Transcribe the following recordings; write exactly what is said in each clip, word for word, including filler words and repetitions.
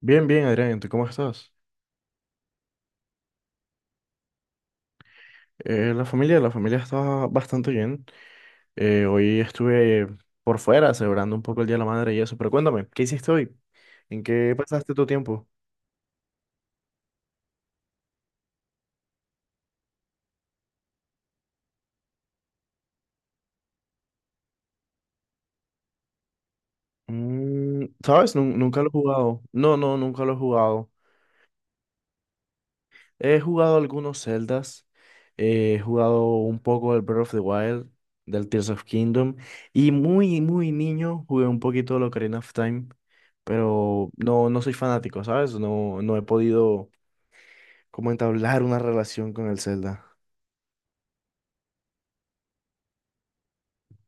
Bien, bien, Adrián, ¿tú cómo estás? Eh, la familia, la familia está bastante bien. Eh, hoy estuve por fuera celebrando un poco el Día de la Madre y eso, pero cuéntame, ¿qué hiciste hoy? ¿En qué pasaste tu tiempo? Mm, ¿sabes? Nun- nunca lo he jugado. No, no, nunca lo he jugado. He jugado algunos Zeldas, eh, he jugado un poco del Breath of the Wild, del Tears of Kingdom, y muy, muy niño jugué un poquito de Ocarina of Time, pero no, no soy fanático, ¿sabes? No, no he podido cómo entablar una relación con el Zelda.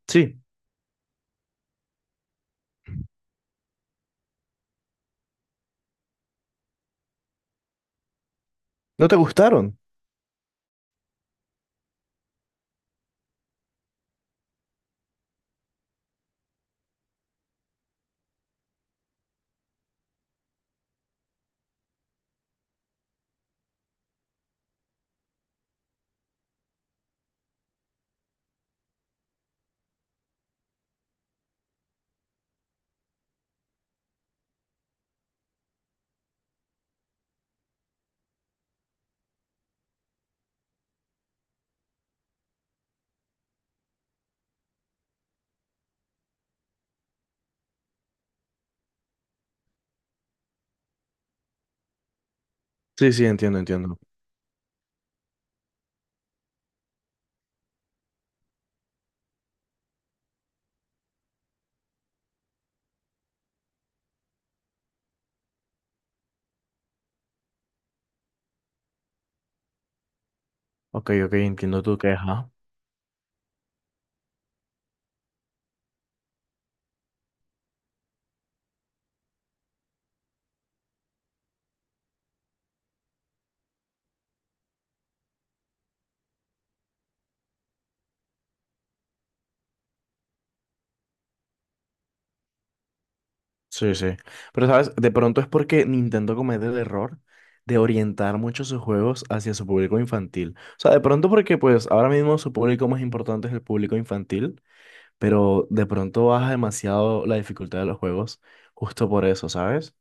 Sí, ¿no te gustaron? Sí, sí, entiendo, entiendo. Ok, ok, entiendo tu queja. Sí, sí. Pero, ¿sabes? De pronto es porque Nintendo comete el error de orientar mucho sus juegos hacia su público infantil. O sea, de pronto porque, pues, ahora mismo su público más importante es el público infantil, pero de pronto baja demasiado la dificultad de los juegos justo por eso, ¿sabes?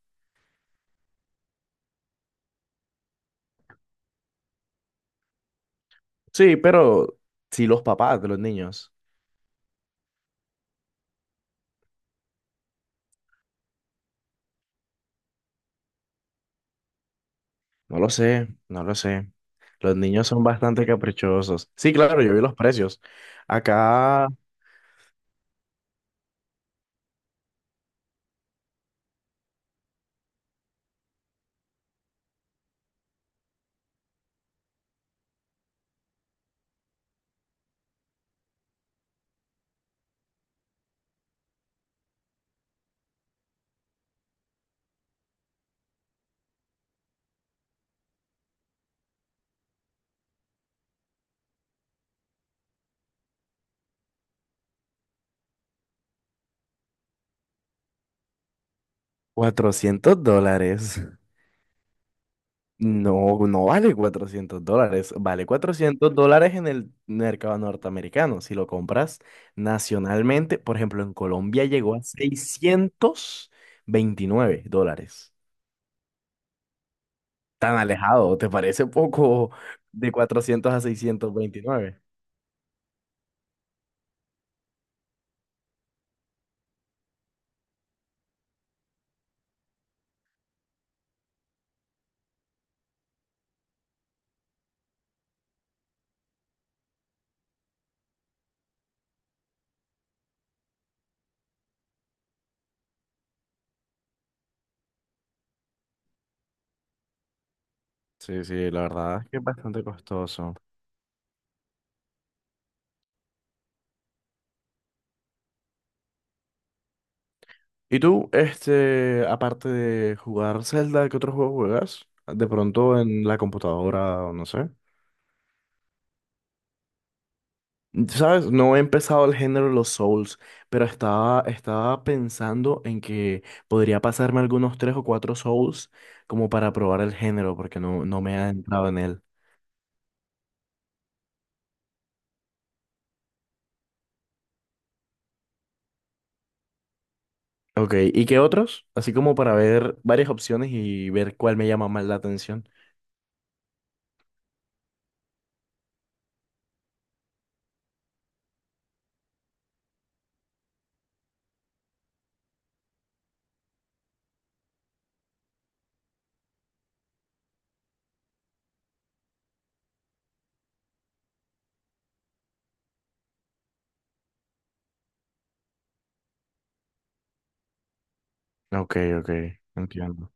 Sí, pero sí los papás de los niños. No lo sé, no lo sé. Los niños son bastante caprichosos. Sí, claro, yo vi los precios. Acá, cuatrocientos dólares. No, no vale cuatrocientos dólares. Vale cuatrocientos dólares en el mercado norteamericano. Si lo compras nacionalmente, por ejemplo, en Colombia llegó a seiscientos veintinueve dólares. Tan alejado, ¿te parece poco de cuatrocientos a seiscientos veintinueve? Sí, sí, la verdad es que es bastante costoso. ¿Y tú, este, aparte de jugar Zelda, qué otro juego juegas? De pronto en la computadora, o no sé. ¿Sabes? No he empezado el género de los Souls, pero estaba, estaba pensando en que podría pasarme algunos tres o cuatro Souls como para probar el género, porque no, no me ha entrado en él. Ok, ¿y qué otros? Así como para ver varias opciones y ver cuál me llama más la atención. Ok, ok, entiendo.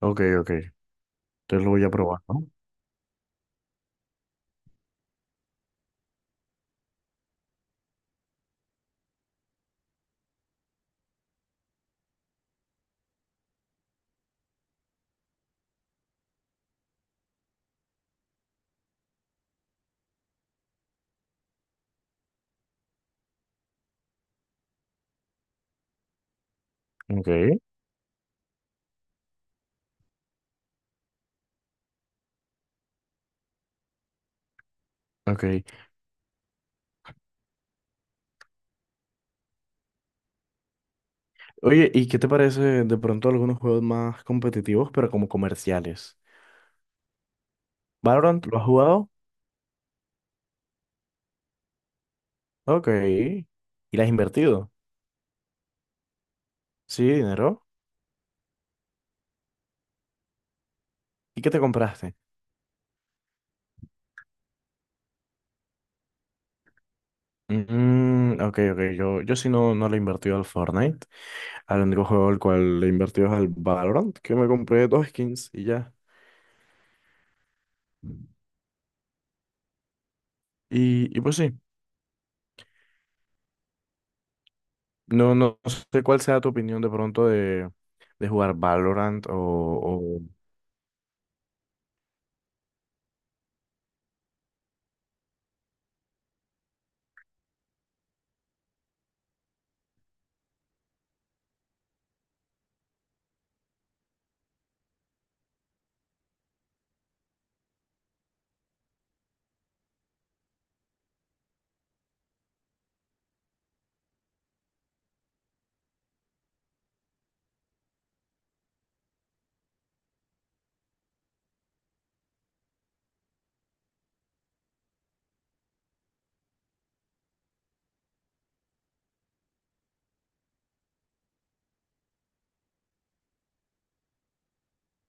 Ok, ok. Entonces lo voy a probar, ¿no? Ok. Ok. Oye, ¿y qué te parece de pronto algunos juegos más competitivos, pero como comerciales? ¿Valorant lo has jugado? Ok. ¿Y le has invertido? Sí, dinero. ¿Y qué te compraste? Mm, ok, ok. Yo, yo sí no, no le he invertido al Fortnite. Al único juego al cual le he invertido es al Valorant, que me compré dos skins y ya. Y, y pues sí, no, no sé cuál sea tu opinión de pronto de, de jugar Valorant o,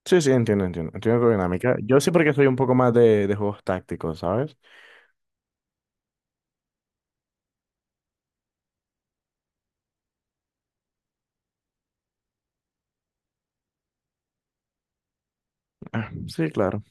Sí, sí, entiendo, entiendo. Entiendo tu dinámica. Yo sí porque soy un poco más de, de juegos tácticos, ¿sabes? Ah, sí, claro.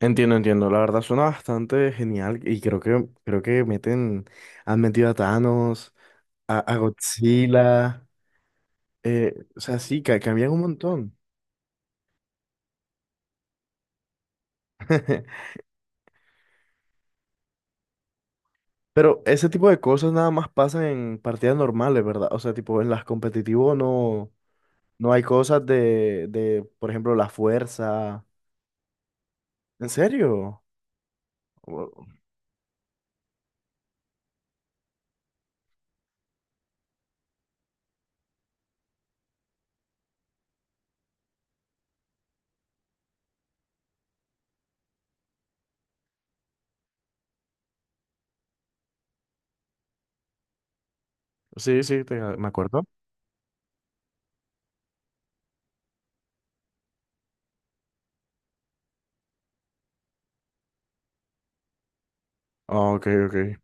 Entiendo, entiendo. La verdad suena bastante genial y creo que creo que meten, han metido a Thanos, a, a Godzilla, eh, o sea, sí, ca- cambian un montón. Pero ese tipo de cosas nada más pasan en partidas normales, ¿verdad? O sea, tipo en las competitivos no, no hay cosas de, de, por ejemplo, la fuerza. ¿En serio? Wow. Sí, sí, te- me acuerdo. Ah, ok, ok.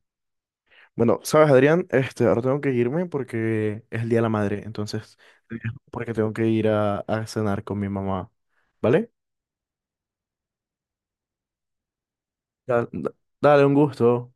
Bueno, sabes, Adrián, este, ahora tengo que irme porque es el Día de la Madre, entonces, te dejo porque tengo que ir a, a cenar con mi mamá, ¿vale? Da- da- Dale, un gusto.